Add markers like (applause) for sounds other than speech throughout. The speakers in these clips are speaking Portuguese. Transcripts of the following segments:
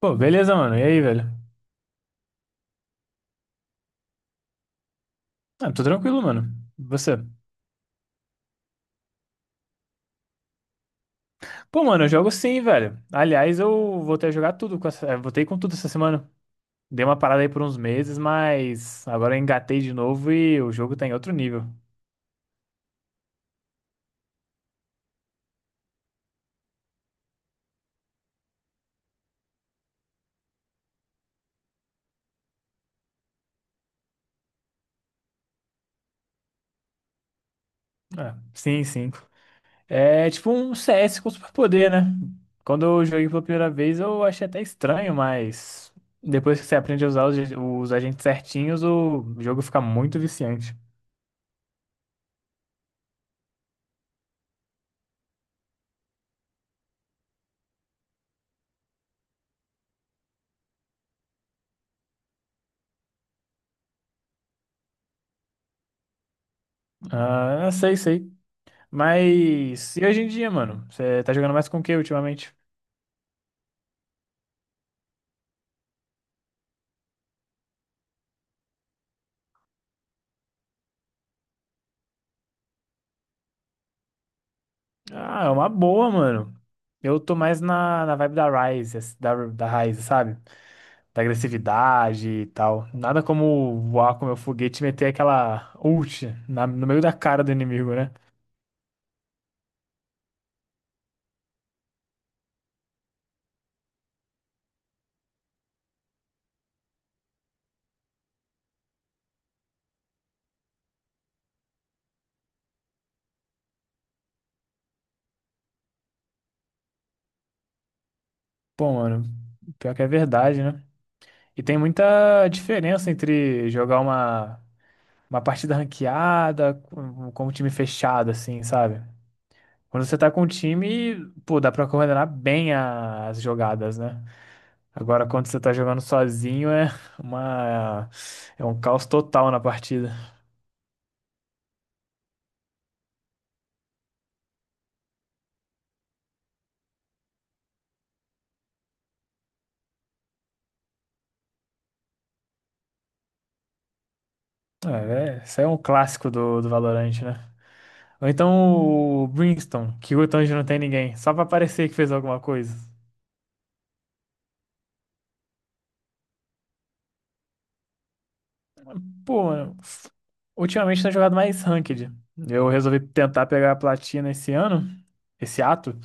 Pô, beleza, mano. E aí, velho? Ah, tô tranquilo, mano. E você? Pô, mano, eu jogo sim, velho. Aliás, eu voltei a jogar tudo com Voltei com tudo essa semana. Dei uma parada aí por uns meses, mas agora eu engatei de novo e o jogo tá em outro nível. Ah, sim, sim. É tipo um CS com superpoder, né? Quando eu joguei pela primeira vez, eu achei até estranho, mas depois que você aprende a usar os agentes certinhos, o jogo fica muito viciante. Ah, sei, sei. Mas e hoje em dia, mano? Você tá jogando mais com o que ultimamente? Ah, é uma boa, mano. Eu tô mais na vibe da Ryze, da Ryze, sabe? Da agressividade e tal. Nada como voar com meu foguete e meter aquela ult no meio da cara do inimigo, né? Pô, mano, pior que é verdade, né? E tem muita diferença entre jogar uma partida ranqueada com um time fechado, assim, sabe? Quando você tá com um time, pô, dá pra coordenar bem as jogadas, né? Agora, quando você tá jogando sozinho, uma, é um caos total na partida. Isso aí é um clássico do Valorant, né? Ou então o Brimstone, que o onde não tem ninguém, só pra parecer que fez alguma coisa. Pô, mano, ultimamente tenho jogado mais Ranked. Eu resolvi tentar pegar a platina esse ano, esse ato.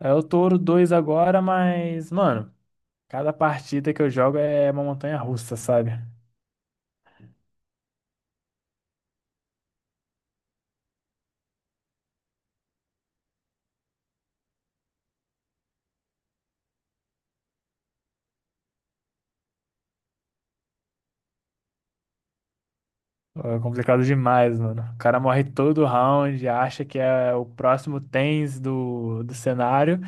Aí eu tô ouro 2 agora, mas, mano. Cada partida que eu jogo é uma montanha russa, sabe? É complicado demais, mano. O cara morre todo round, acha que é o próximo tens do cenário,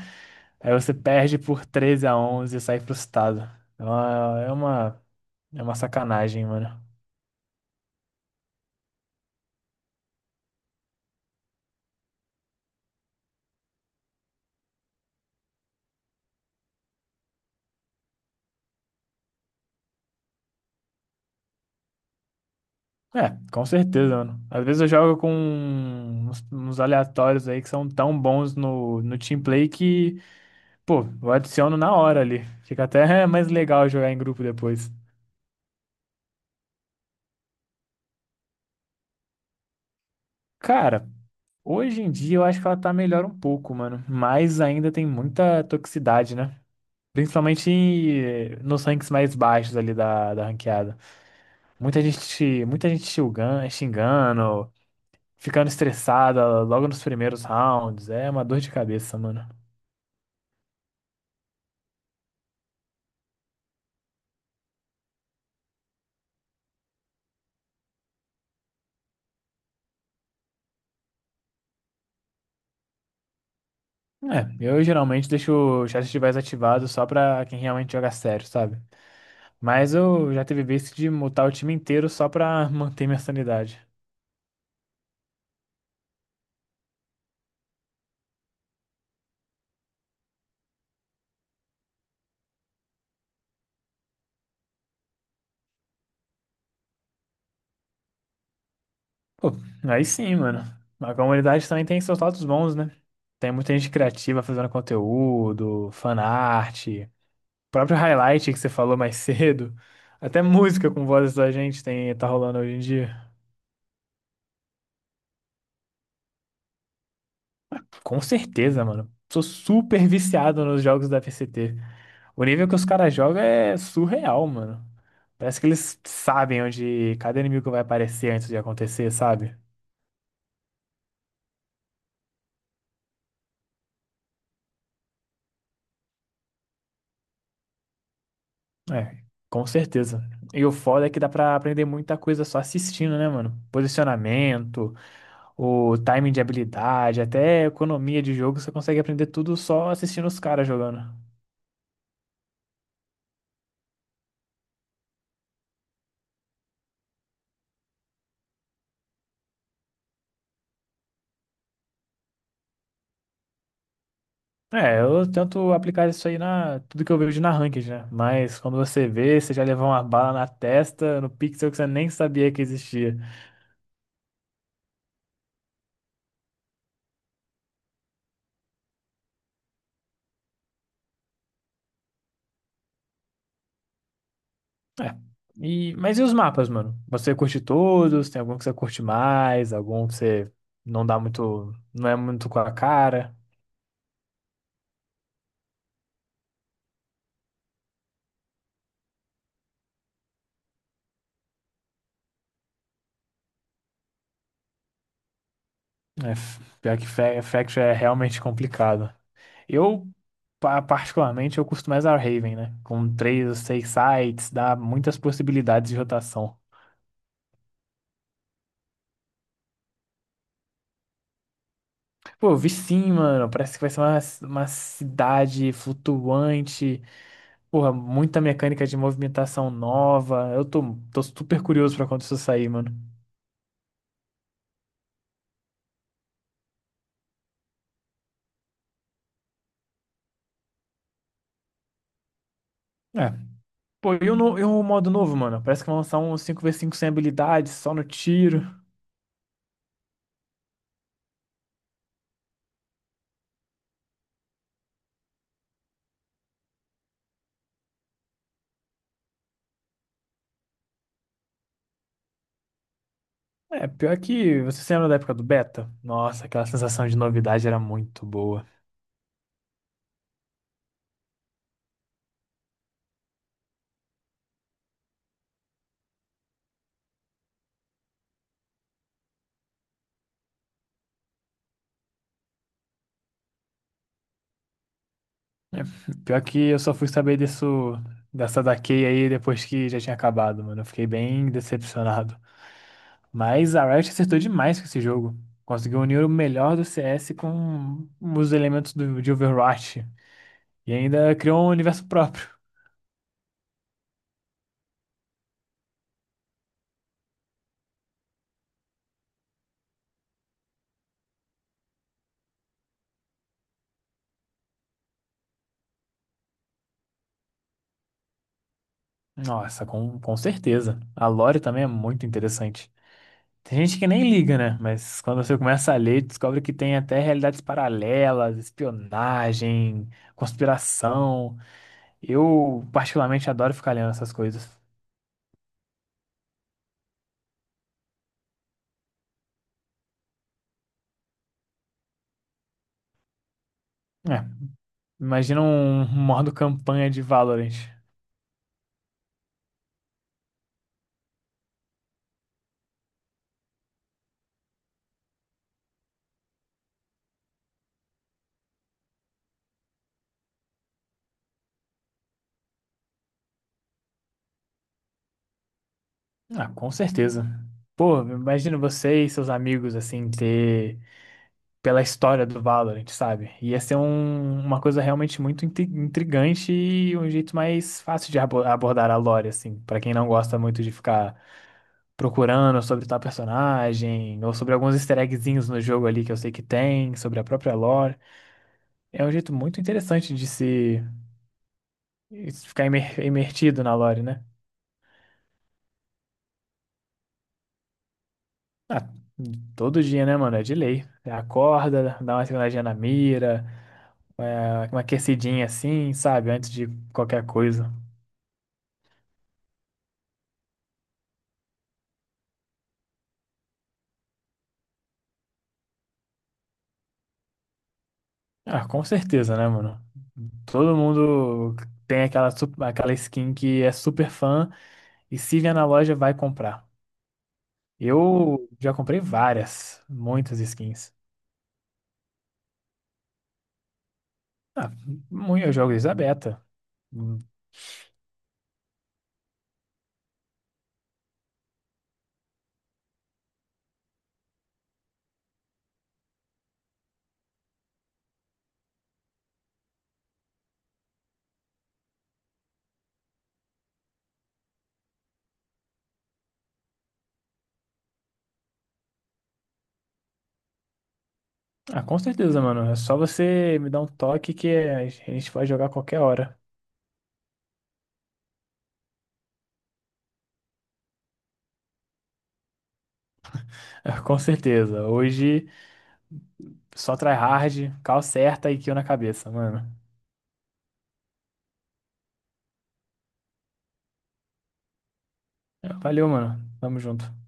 aí você perde por 13 a 11 e sai frustrado. É uma, é uma, é uma sacanagem, mano. É, com certeza, mano. Às vezes eu jogo com uns aleatórios aí que são tão bons no team play que, pô, eu adiciono na hora ali. Fica até (laughs) mais legal jogar em grupo depois. Cara, hoje em dia eu acho que ela tá melhor um pouco, mano. Mas ainda tem muita toxicidade, né? Principalmente nos ranks mais baixos ali da ranqueada. Muita gente xingando, ficando estressada logo nos primeiros rounds. É uma dor de cabeça, mano. É, eu geralmente deixo o chat de voz ativado só pra quem realmente joga sério, sabe? Mas eu já teve vezes de mutar o time inteiro só pra (laughs) manter minha sanidade. Pô, aí sim, mano. A comunidade também tem seus lados bons, né? Tem muita gente criativa fazendo conteúdo, fanart, o próprio highlight que você falou mais (laughs) cedo. Até música com vozes da gente tem, tá rolando hoje em dia. Com certeza, mano. Sou super viciado nos jogos da VCT. O nível que os caras jogam é surreal, mano. Parece que eles sabem onde cada inimigo vai aparecer antes de acontecer, sabe? É, com certeza. E o foda é que dá pra aprender muita coisa só assistindo, né, mano? Posicionamento, o timing de habilidade, até economia de jogo, você consegue aprender tudo só assistindo os caras jogando. É, eu tento aplicar isso aí na tudo que eu vejo na ranked, né? Mas quando você vê, você já levou uma bala na testa, no pixel que você nem sabia que existia. É. E, mas e os mapas, mano? Você curte todos? Tem algum que você curte mais? Algum que você não dá muito, não é muito com a cara? Pior que Faction é realmente complicado. Eu, particularmente, eu costumo mais Haven, né? Com três ou seis sites, dá muitas possibilidades de rotação. Pô, eu vi sim, mano. Parece que vai ser uma cidade flutuante. Porra, muita mecânica de movimentação nova. Eu tô super curioso pra quando isso sair, mano. É. Pô, e o, no- e o modo novo, mano? Parece que vão lançar um cinco v cinco sem habilidades, só no tiro. É, pior que você se lembra da época do beta? Nossa, aquela sensação de novidade era muito boa. É, pior que eu só fui saber disso, dessa da Kay aí depois que já tinha acabado, mano. Eu fiquei bem decepcionado. Mas a Riot acertou demais com esse jogo. Conseguiu unir o melhor do CS com os elementos de Overwatch. E ainda criou um universo próprio. Nossa, com certeza. A lore também é muito interessante. Tem gente que nem liga, né? Mas quando você começa a ler, descobre que tem até realidades paralelas, espionagem, conspiração. Eu particularmente adoro ficar lendo essas coisas. É, imagina um (laughs) modo campanha de Valorant. Ah, com certeza. Pô, imagina você e seus amigos, assim, ter... Pela história do Valorant, sabe? Ia ser uma coisa realmente muito intrigante e um jeito mais fácil de abordar a lore, assim, pra quem não gosta muito de ficar procurando sobre tal personagem, ou sobre alguns easter eggzinhos no jogo ali que eu sei que tem, sobre a própria lore. É um jeito muito interessante de se ficar imertido na lore, né? Ah, todo dia, né, mano? É de lei. Você acorda, dá uma seguradinha na mira, uma aquecidinha assim, sabe? Antes de qualquer coisa. Ah, com certeza, né, mano? Todo mundo tem aquela skin que é super fã e se vier na loja vai comprar. Eu já comprei várias, muitas skins. Ah, muito, eu jogo desde a beta. Hum. Ah, com certeza, mano. É só você me dar um toque que a gente vai jogar a qualquer hora. (laughs) Com certeza. Hoje, só tryhard, cal certa e kill na cabeça, mano. Valeu, mano. Tamo junto.